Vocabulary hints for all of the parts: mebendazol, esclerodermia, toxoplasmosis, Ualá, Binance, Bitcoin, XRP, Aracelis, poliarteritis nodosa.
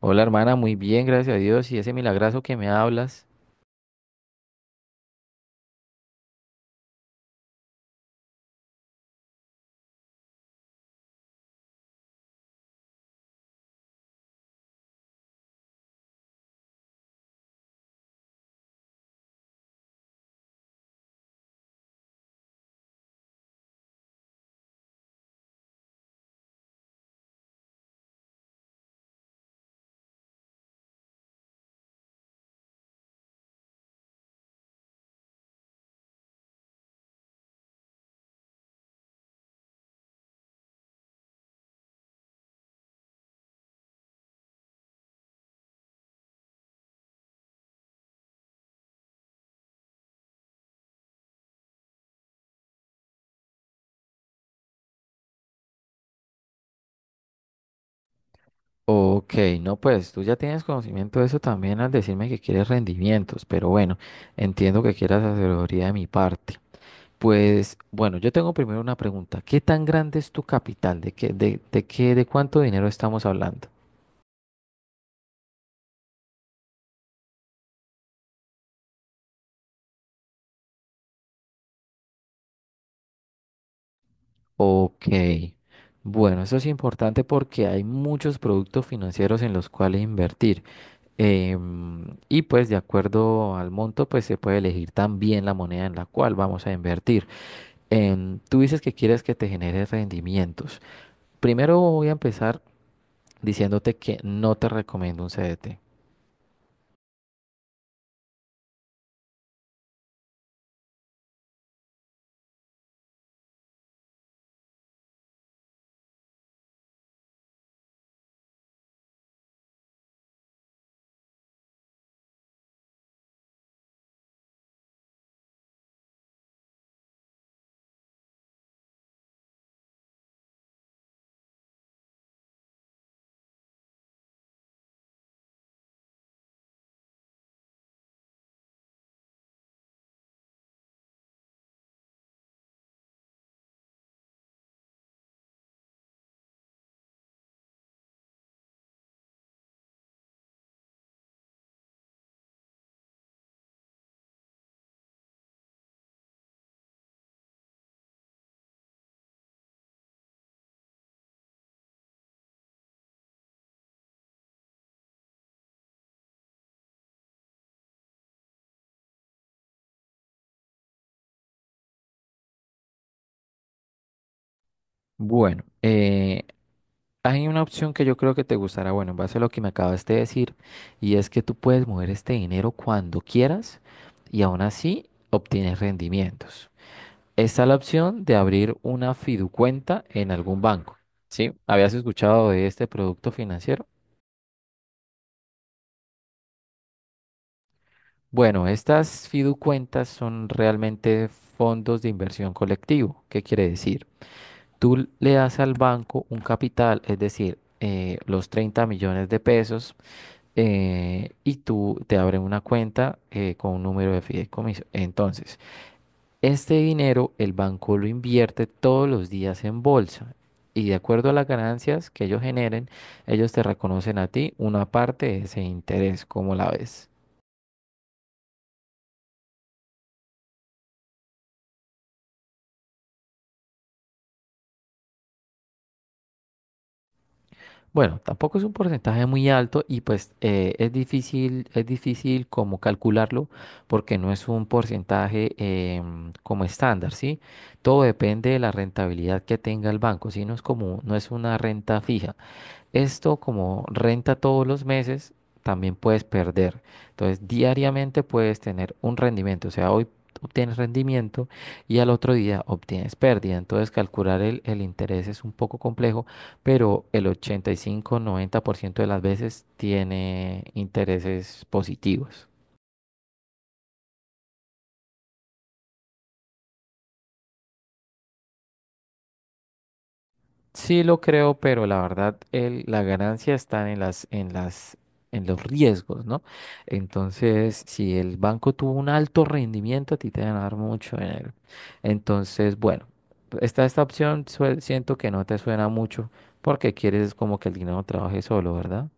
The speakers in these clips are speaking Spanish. Hola hermana, muy bien, gracias a Dios. ¿Y ese milagrazo que me hablas? Ok, no, pues tú ya tienes conocimiento de eso también al decirme que quieres rendimientos, pero bueno, entiendo que quieras asesoría de mi parte. Pues bueno, yo tengo primero una pregunta. ¿Qué tan grande es tu capital? ¿De cuánto dinero estamos hablando? Ok, bueno, eso es importante porque hay muchos productos financieros en los cuales invertir. Y pues de acuerdo al monto, pues se puede elegir también la moneda en la cual vamos a invertir. Tú dices que quieres que te genere rendimientos. Primero voy a empezar diciéndote que no te recomiendo un CDT. Bueno, hay una opción que yo creo que te gustará, bueno, en base a lo que me acabas de decir, y es que tú puedes mover este dinero cuando quieras y aún así obtienes rendimientos. Está la opción de abrir una fiducuenta en algún banco. ¿Sí? ¿Habías escuchado de este producto financiero? Bueno, estas fiducuentas son realmente fondos de inversión colectivo. ¿Qué quiere decir? Tú le das al banco un capital, es decir, los 30 millones de pesos, y tú te abren una cuenta con un número de fideicomiso. Entonces, este dinero el banco lo invierte todos los días en bolsa y de acuerdo a las ganancias que ellos generen, ellos te reconocen a ti una parte de ese interés, ¿como la ves? Bueno, tampoco es un porcentaje muy alto y pues es difícil como calcularlo porque no es un porcentaje como estándar, ¿sí? Todo depende de la rentabilidad que tenga el banco, ¿sí? No es como, no es una renta fija. Esto como renta todos los meses, también puedes perder. Entonces, diariamente puedes tener un rendimiento. O sea, hoy obtienes rendimiento y al otro día obtienes pérdida. Entonces, calcular el interés es un poco complejo, pero el 85-90% de las veces tiene intereses positivos. Sí lo creo, pero la verdad la ganancia está en en los riesgos, ¿no? Entonces, si el banco tuvo un alto rendimiento, a ti te van a dar mucho dinero. Entonces, bueno, esta opción siento que no te suena mucho porque quieres es como que el dinero trabaje solo, ¿verdad?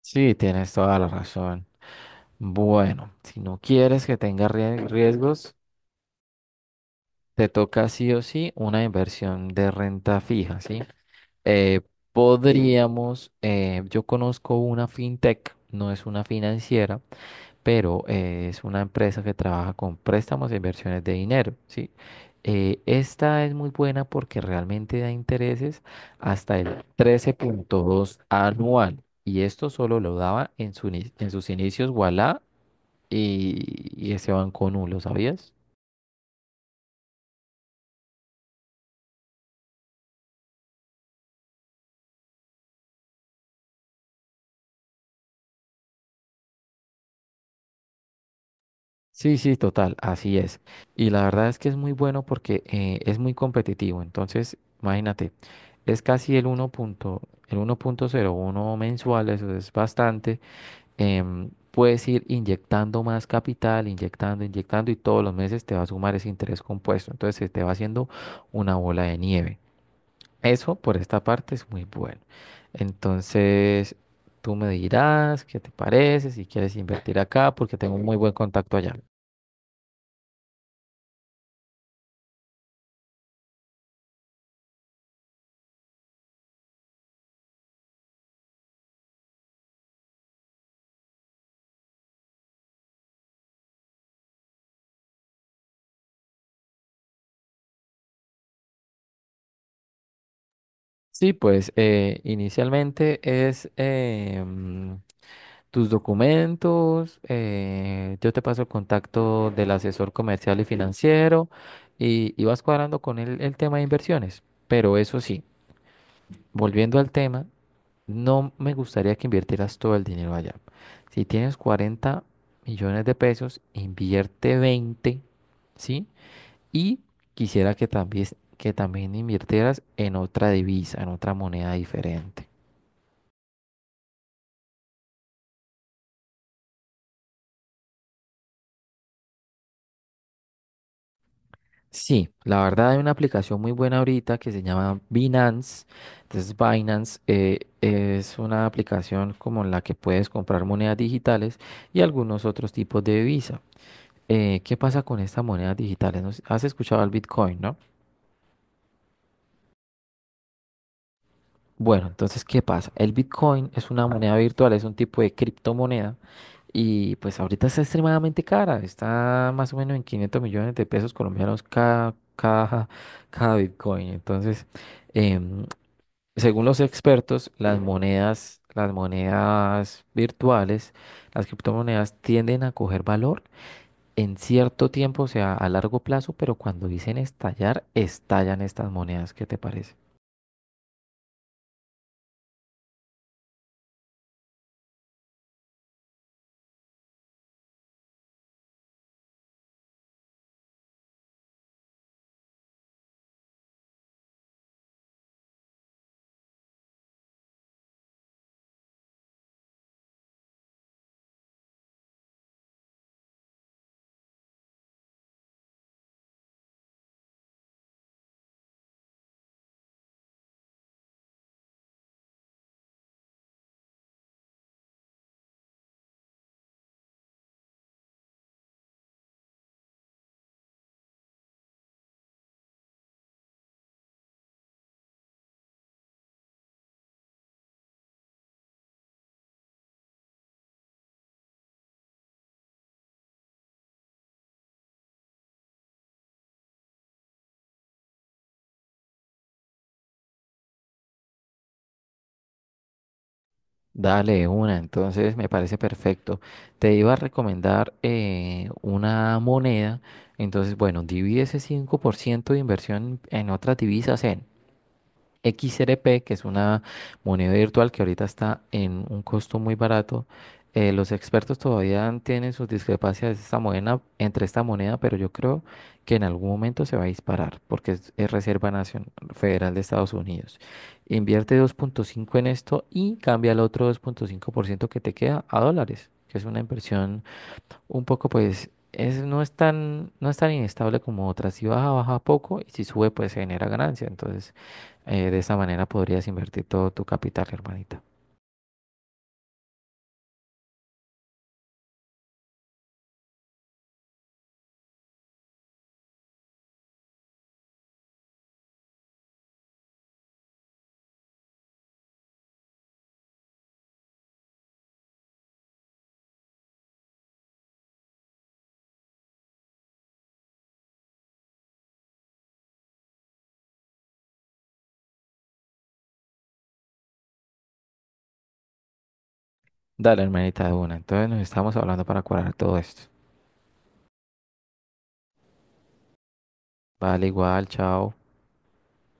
Sí, tienes toda la razón. Bueno, si no quieres que tenga riesgos, te toca sí o sí una inversión de renta fija, ¿sí? Eh, podríamos, yo conozco una fintech, no es una financiera, pero es una empresa que trabaja con préstamos e inversiones de dinero, ¿sí? Esta es muy buena porque realmente da intereses hasta el 13.2 anual y esto solo lo daba en sus inicios Ualá y, ese banco Nu, ¿lo sabías? Sí, sí, total, así es. Y la verdad es que es muy bueno porque es muy competitivo. Entonces, imagínate, es casi el 1 punto, el 1.01 mensual, eso es bastante. Puedes ir inyectando más capital, inyectando, inyectando y todos los meses te va a sumar ese interés compuesto. Entonces, se te va haciendo una bola de nieve. Eso por esta parte es muy bueno. Entonces, tú me dirás qué te parece, si quieres invertir acá, porque tengo un muy buen contacto allá. Sí, pues inicialmente es tus documentos, yo te paso el contacto del asesor comercial y financiero y, vas cuadrando con él el tema de inversiones. Pero eso sí, volviendo al tema, no me gustaría que invirtieras todo el dinero allá. Si tienes 40 millones de pesos, invierte 20, ¿sí? Y quisiera que también invirtieras en otra divisa, en otra moneda diferente. Sí, la verdad hay una aplicación muy buena ahorita que se llama Binance. Entonces Binance es una aplicación como la que puedes comprar monedas digitales y algunos otros tipos de divisa. ¿Qué pasa con estas monedas digitales? No has escuchado el Bitcoin, ¿no? Bueno, entonces, ¿qué pasa? El Bitcoin es una moneda virtual, es un tipo de criptomoneda y pues ahorita está extremadamente cara. Está más o menos en 500 millones de pesos colombianos cada Bitcoin. Entonces... em, según los expertos, las monedas virtuales, las criptomonedas tienden a coger valor en cierto tiempo, o sea, a largo plazo, pero cuando dicen estallar, estallan estas monedas. ¿Qué te parece? Dale de una, entonces me parece perfecto. Te iba a recomendar una moneda, entonces, bueno, divide ese 5% de inversión en otras divisas en XRP, que es una moneda virtual que ahorita está en un costo muy barato. Los expertos todavía tienen sus discrepancias de esta moneda, entre esta moneda, pero yo creo que en algún momento se va a disparar porque es Reserva Nacional Federal de Estados Unidos. Invierte 2.5 en esto y cambia el otro 2.5% que te queda a dólares, que es una inversión un poco, pues, es, no es tan, no es tan inestable como otras. Si baja, baja poco y si sube, pues se genera ganancia. Entonces, de esa manera podrías invertir todo tu capital, hermanita. Dale, hermanita, de una. Entonces nos estamos hablando para cuadrar todo esto. Vale, igual, chao.